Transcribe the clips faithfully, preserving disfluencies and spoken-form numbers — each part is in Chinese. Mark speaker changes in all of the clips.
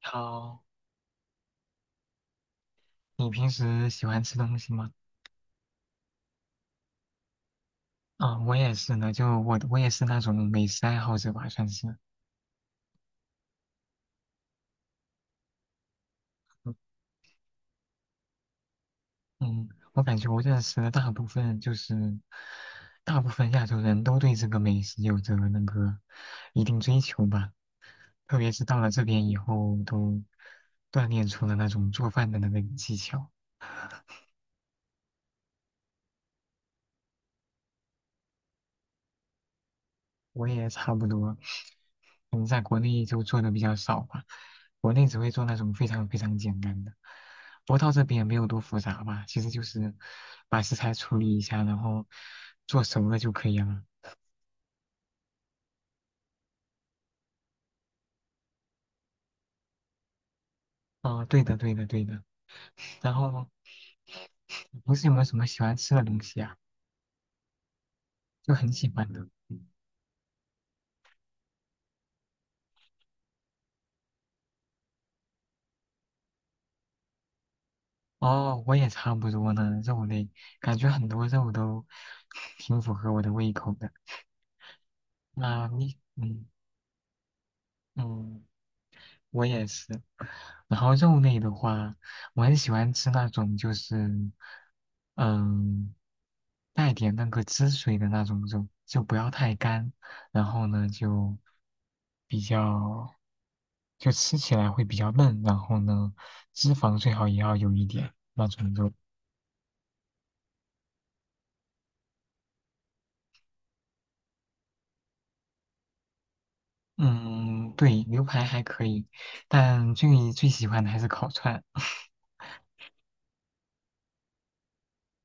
Speaker 1: 好，你平时喜欢吃东西吗？啊、我也是呢，就我我也是那种美食爱好者吧，算是。嗯，嗯我感觉我认识的大部分就是大部分亚洲人都对这个美食有着那个一定追求吧，特别是到了这边以后，都锻炼出了那种做饭的那个技巧。我也差不多，可能在国内就做的比较少吧，国内只会做那种非常非常简单的，不过到这边也没有多复杂吧，其实就是把食材处理一下，然后做熟了就可以了。哦，对的，对的，对的。然后平时有没有什么喜欢吃的东西啊？就很喜欢的。哦，我也差不多呢，肉类，感觉很多肉都 挺符合我的胃口的。那你，嗯嗯。我也是。然后肉类的话，我很喜欢吃那种就是，嗯，带点那个汁水的那种肉，就不要太干。然后呢，就比较，就吃起来会比较嫩。然后呢，脂肪最好也要有一点那种肉。嗯，对，牛排还可以，但最最喜欢的还是烤串。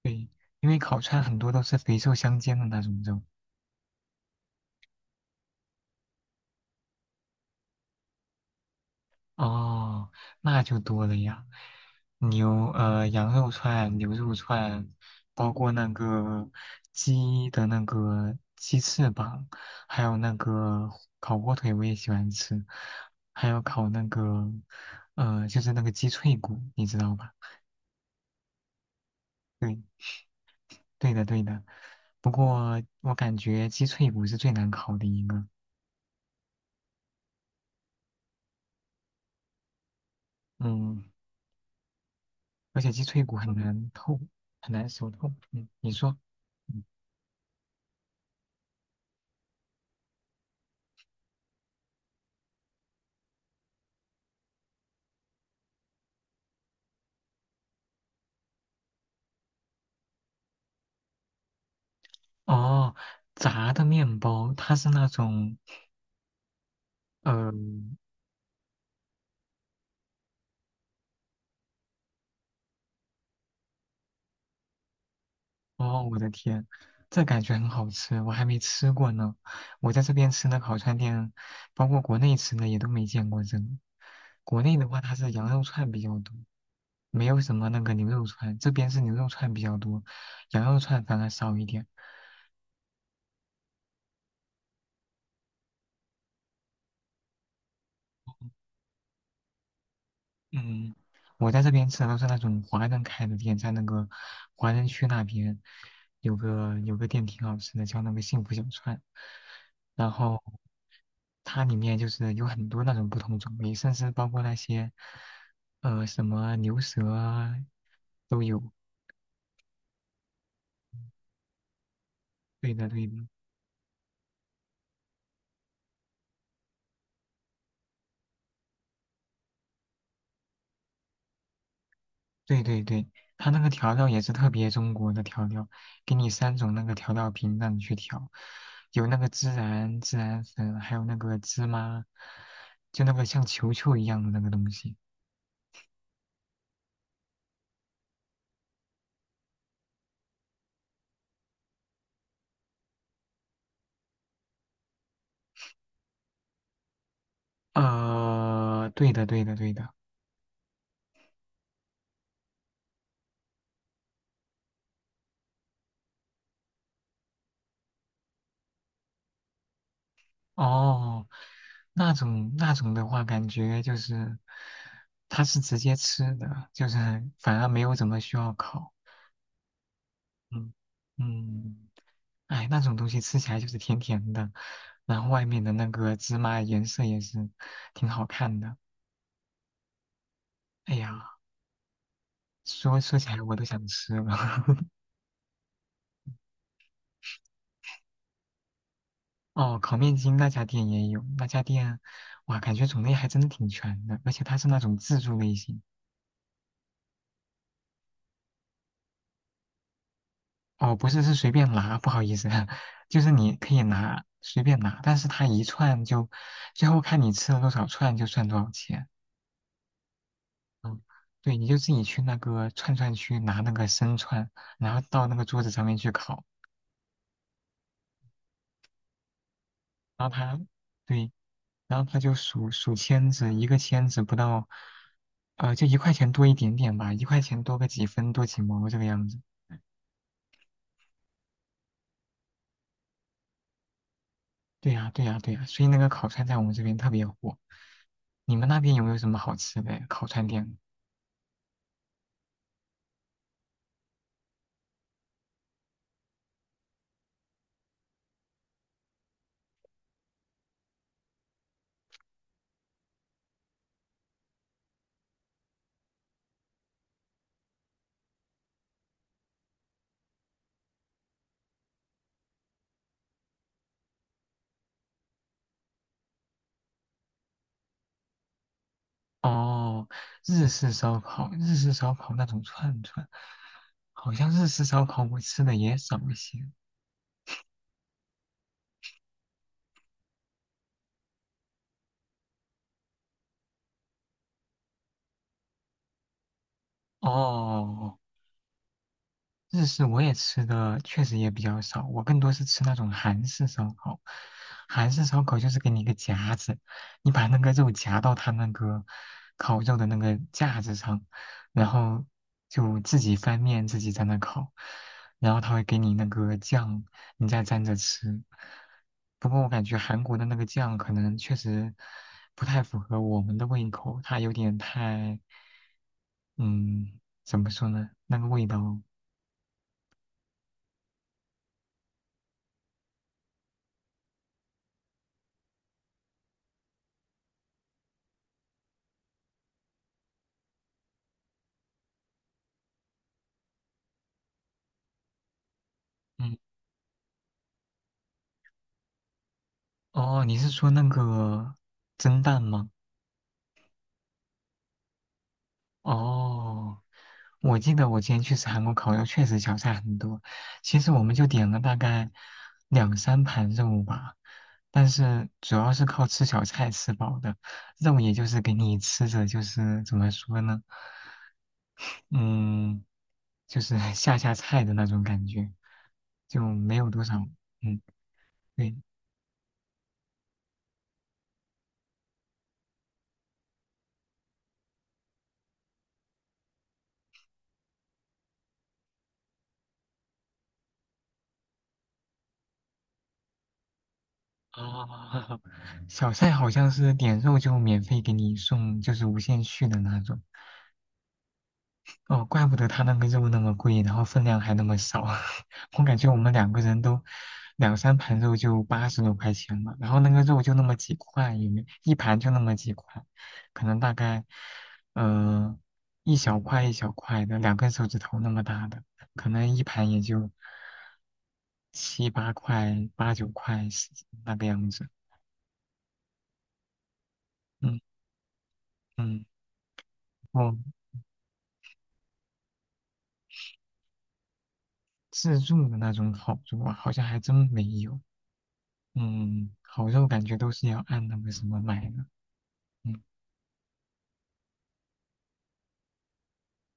Speaker 1: 对，因为烤串很多都是肥瘦相间的那种肉。哦，那就多了呀，牛呃羊肉串、牛肉串，包括那个鸡的那个鸡翅膀，还有那个烤火腿我也喜欢吃，还有烤那个呃就是那个鸡脆骨，你知道吧？对，对的对的。不过我感觉鸡脆骨是最难烤的一个，嗯，而且鸡脆骨很难透，很难熟透。嗯，你说。哦，炸的面包，它是那种，呃，哦，我的天，这感觉很好吃，我还没吃过呢。我在这边吃的烤串店，包括国内吃的也都没见过这个。国内的话，它是羊肉串比较多，没有什么那个牛肉串，这边是牛肉串比较多，羊肉串反而少一点。嗯，我在这边吃的都是那种华人开的店，在那个华人区那边有个有个店挺好吃的，叫那个幸福小串，然后它里面就是有很多那种不同种类，甚至包括那些呃什么牛舌啊都有。对的，对的。对对对，它那个调料也是特别中国的调料，给你三种那个调料瓶让你去调，有那个孜然、孜然粉，还有那个芝麻，就那个像球球一样的那个东西。呃，对的对的对的。哦，那种那种的话，感觉就是它是直接吃的，就是反而没有怎么需要烤。嗯嗯。哎，那种东西吃起来就是甜甜的，然后外面的那个芝麻颜色也是挺好看的。哎呀，说说起来我都想吃了。哦，烤面筋那家店也有，那家店哇，感觉种类还真的挺全的，而且它是那种自助类型。哦，不是，是随便拿，不好意思，就是你可以拿，随便拿，但是它一串就，最后看你吃了多少串就算多少钱。嗯，对，你就自己去那个串串区拿那个生串，然后到那个桌子上面去烤。对，然后他就数数签子，一个签子不到，呃，就一块钱多一点点吧，一块钱多个几分，多几毛这个样子。对呀，对呀，对呀，所以那个烤串在我们这边特别火。你们那边有没有什么好吃的呀烤串店？哦，日式烧烤，日式烧烤那种串串，好像日式烧烤我吃的也少一些。哦，日式我也吃的确实也比较少，我更多是吃那种韩式烧烤。韩式烧烤就是给你一个夹子，你把那个肉夹到它那个烤肉的那个架子上，然后就自己翻面自己在那烤，然后他会给你那个酱，你再蘸着吃。不过我感觉韩国的那个酱可能确实不太符合我们的胃口，它有点太，嗯，怎么说呢？那个味道。嗯哦，你是说那个蒸蛋吗？哦，我记得我之前去吃韩国烤肉，确实小菜很多。其实我们就点了大概两三盘肉吧，但是主要是靠吃小菜吃饱的，肉也就是给你吃着，就是怎么说呢？嗯，就是 下下菜的那种感觉，就没有多少。嗯，对，哦，小赛好像是点肉就免费给你送，就是无限续的那种。哦，怪不得他那个肉那么贵，然后分量还那么少。我感觉我们两个人都两三盘肉就八十多块钱了，然后那个肉就那么几块，也没一盘就那么几块，可能大概呃一小块一小块的，两根手指头那么大的，可能一盘也就七八块、八九块是那个样子。嗯嗯。哦，自助的那种烤肉啊，好像还真没有。嗯，烤肉感觉都是要按那个什么买的。嗯，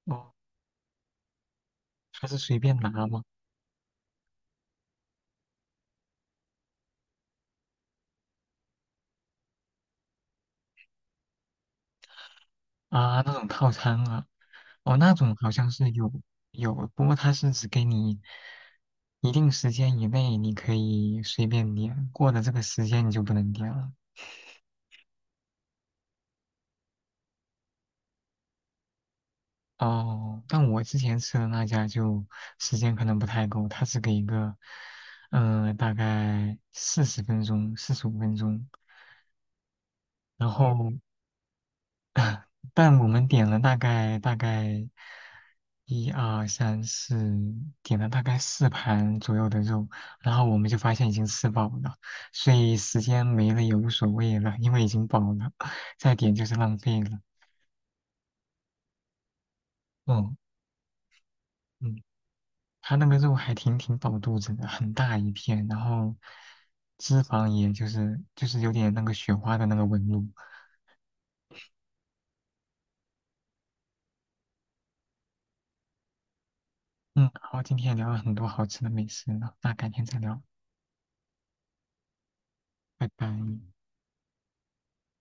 Speaker 1: 哦，它是随便拿吗？啊，那种套餐啊，哦，那种好像是有有，不过它是只给你一定时间以内，你可以随便点，过了这个时间你就不能点了。哦，但我之前吃的那家就时间可能不太够，它是给一个，嗯、大概四十分钟、四十五分钟。然后，但我们点了大概大概一二三四，点了大概四盘左右的肉，然后我们就发现已经吃饱了，所以时间没了也无所谓了，因为已经饱了，再点就是浪费了。嗯嗯，它那个肉还挺挺饱肚子的，很大一片，然后脂肪也就是就是有点那个雪花的那个纹路。嗯，好，今天也聊了很多好吃的美食呢，那改天再聊，拜拜。